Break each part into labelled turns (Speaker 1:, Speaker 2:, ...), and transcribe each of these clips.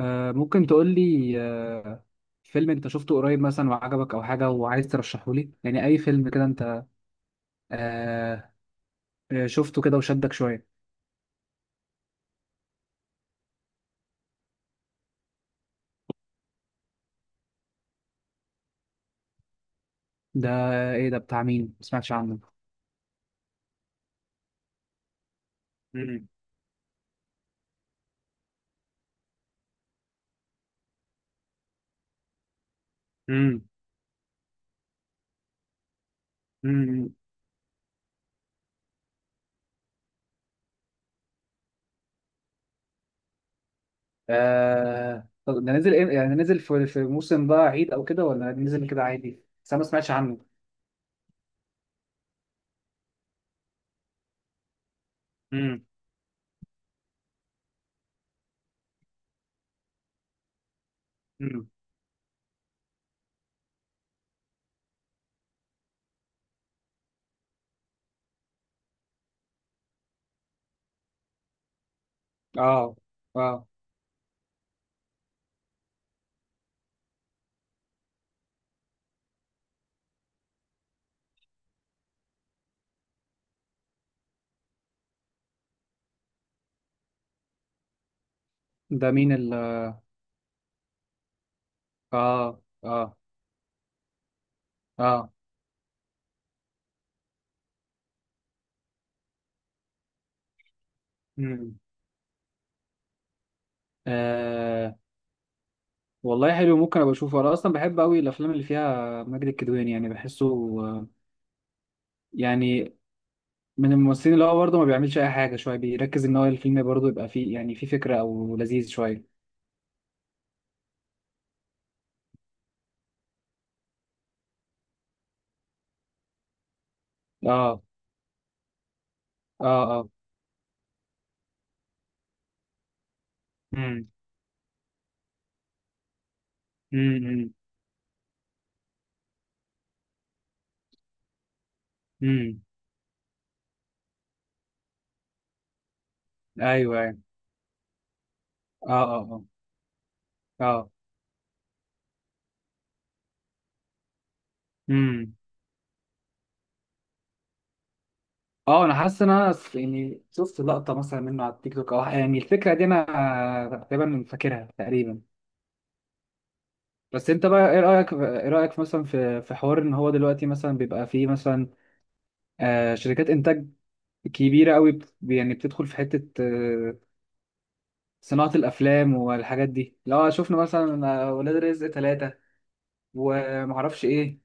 Speaker 1: ممكن تقول لي فيلم انت شفته قريب مثلا وعجبك او حاجه وعايز ترشحه لي، يعني اي فيلم كده انت آه، شفته كده وشدك شويه؟ ده ايه ده بتاع مين؟ ما سمعتش عنه. مم. مم. مم. طب ده نزل إيه؟ يعني نزل في موسم بقى عيد او كده ولا نزل كده عادي؟ بس انا ما سمعتش عنه. مم. مم. اه اه. ده مين اه اه اه. مم. آه. والله حلو، ممكن ابقى اشوفه، انا اصلا بحب قوي الافلام اللي فيها ماجد الكدواني، يعني بحسه آه، يعني من الممثلين اللي هو برضه ما بيعملش اي حاجه، شويه بيركز ان هو الفيلم برضه يبقى فيه، يعني فيه فكره او لذيذ شويه. اه اه اه. امم. امم. امم. ايوه ايوه. اه اه اه اه. امم. اه، انا حاسس ان انا يعني شفت لقطه مثلا منه على التيك توك، او يعني الفكره دي انا تقريبا فاكرها تقريبا. بس انت بقى، ايه رايك مثلا في حوار ان هو دلوقتي مثلا بيبقى فيه مثلا شركات انتاج كبيره قوي، يعني بتدخل في حته صناعه الافلام والحاجات دي. لو شفنا مثلا ولاد رزق 3 ومعرفش ايه،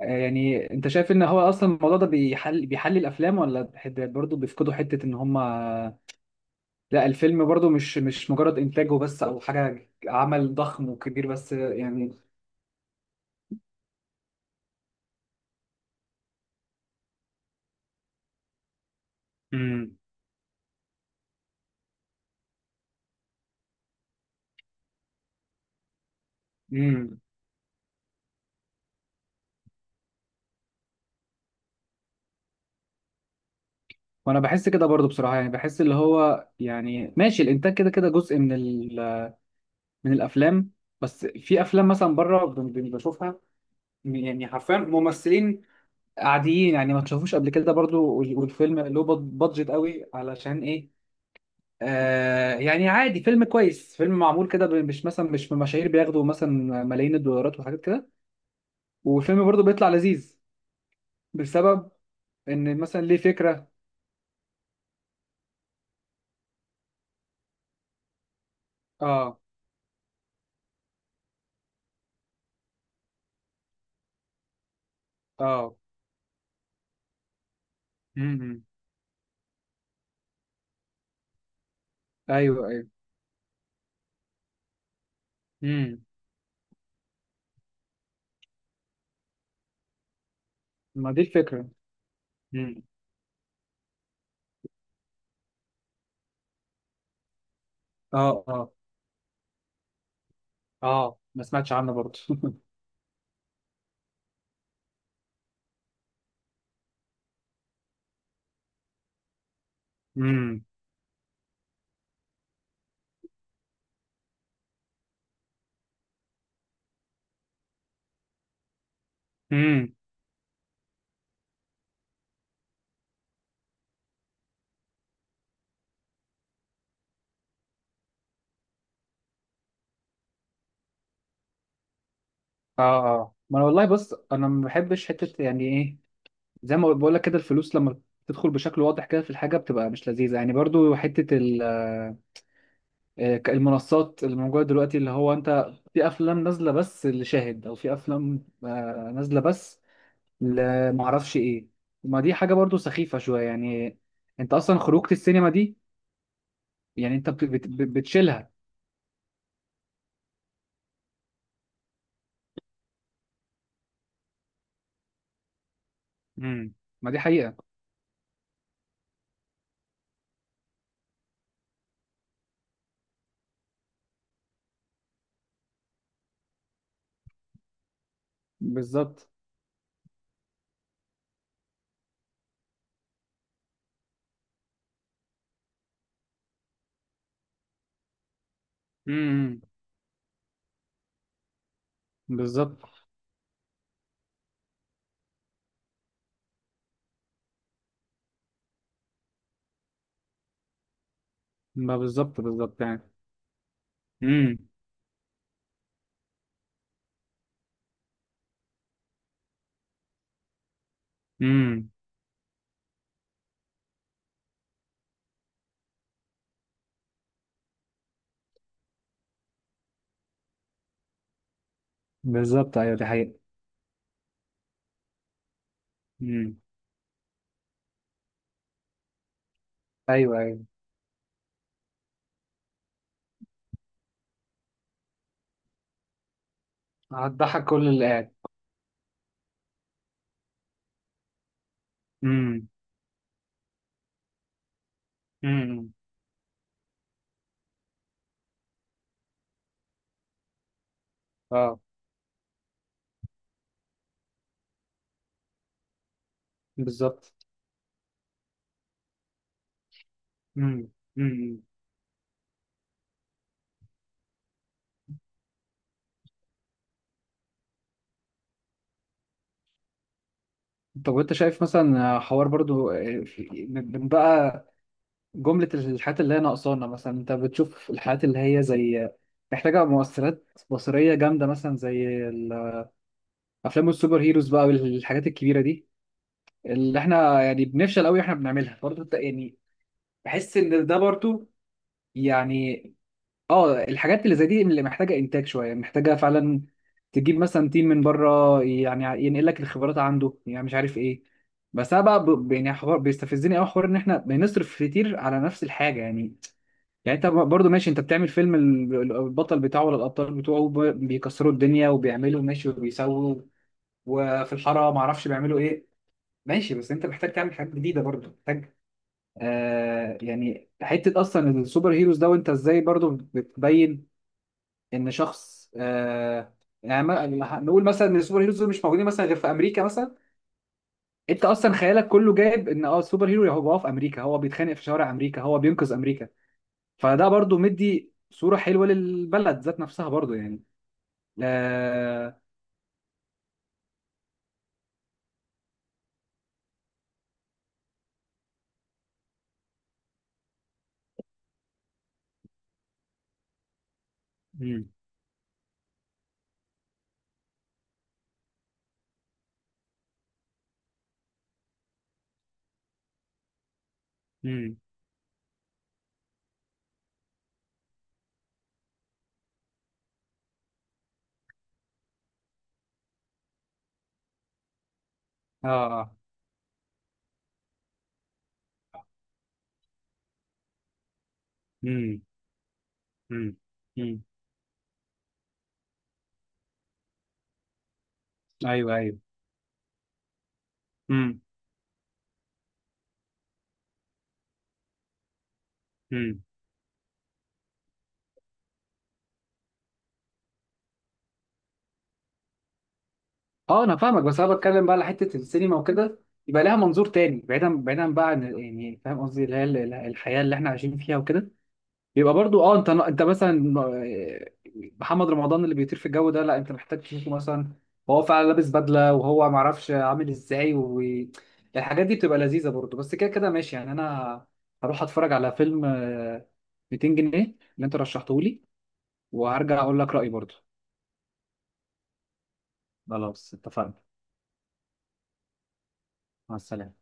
Speaker 1: يعني انت شايف ان هو اصلا الموضوع ده بيحل الافلام، ولا برضه بيفقدوا حته ان هم؟ لا، الفيلم برضه مش مجرد انتاجه بس او حاجه، عمل ضخم وكبير بس يعني. امم. امم. وانا بحس كده برضه بصراحه، يعني بحس اللي هو يعني ماشي، الانتاج كده كده جزء من الافلام. بس في افلام مثلا بره بشوفها، يعني حرفيا ممثلين عاديين، يعني ما تشوفوش قبل كده برضو، والفيلم له بادجت قوي علشان ايه؟ يعني عادي، فيلم كويس، فيلم معمول كده، مش مثلا، مش من مشاهير بياخدوا مثلا ملايين الدولارات وحاجات كده. والفيلم برضو بيطلع لذيذ بسبب ان مثلا ليه فكرة. اه اه. امم. ايوه ايوه. امم. ما دي الفكرة. امم. اه اه اه. ما سمعتش عنه برضو. امم. اه اه. ما انا والله، بص، انا ما بحبش حته يعني ايه، زي ما بقول لك كده، الفلوس لما تدخل بشكل واضح كده في الحاجه بتبقى مش لذيذه يعني. برضو حته المنصات اللي موجوده دلوقتي، اللي هو انت في افلام نازله بس لشاهد، او في افلام نازله بس لمعرفش ايه. ما دي حاجه برضو سخيفه شويه يعني، انت اصلا خروجه السينما دي، يعني انت بتشيلها. امم. ما دي حقيقه. بالظبط. امم. بالظبط. ما بالظبط بالظبط يعني. امم. امم. بالظبط. ايوه، دي حقيقة. امم. ايوه ايوه. هتضحك كل اللي قاعد. امم. امم. اه، بالظبط. امم. امم. طب وانت شايف مثلا حوار برضو، من بقى جملة الحاجات اللي هي ناقصانا؟ مثلا انت بتشوف الحاجات اللي هي زي محتاجة مؤثرات بصرية جامدة، مثلا زي الافلام السوبر هيروز بقى والحاجات الكبيرة دي، اللي احنا يعني بنفشل قوي احنا بنعملها برضو، انت يعني بحس ان ده برضو يعني، اه الحاجات اللي زي دي اللي محتاجه انتاج شويه، محتاجه فعلا تجيب مثلا تيم من بره يعني ينقل لك الخبرات عنده، يعني مش عارف ايه. بس انا بقى يعني حوار بيستفزني قوي، حوار ان احنا بنصرف كتير على نفس الحاجه يعني، يعني انت برضو ماشي، انت بتعمل فيلم البطل بتاعه ولا الابطال بتوعه بيكسروا الدنيا وبيعملوا ماشي وبيسووا، وفي الحاره ما اعرفش بيعملوا ايه، ماشي، بس انت محتاج تعمل حاجات جديده برضو محتاج. يعني حته اصلا السوبر هيروز ده وانت ازاي برضو بتبين ان شخص يعني نقول مثلا ان السوبر هيروز دول مش موجودين مثلا غير في امريكا مثلا. انت اصلا خيالك كله جايب ان السوبر هيرو هو في امريكا، هو بيتخانق في شوارع امريكا، هو بينقذ امريكا، فده برضو مدي صورة حلوة للبلد ذات نفسها برضو يعني. لا. مم. مم. اه. مم. مم. مم. ايوه ايوه. امم. مم. اه، انا فاهمك، بس انا بتكلم بقى على حته السينما وكده، يبقى لها منظور تاني، بعيدا بعيدا بقى عن، يعني فاهم قصدي، اللي هي الحياه اللي احنا عايشين فيها وكده. يبقى برضو انت مثلا، محمد رمضان اللي بيطير في الجو ده، لا انت محتاج تشوفه مثلا وهو فعلا لابس بدله وهو ما اعرفش عامل ازاي، والحاجات دي بتبقى لذيذه برضو، بس كده كده ماشي يعني. انا هروح اتفرج على فيلم 200 جنيه اللي انت رشحته لي، وهرجع اقول لك رايي برضو. خلاص اتفقنا. مع السلامة.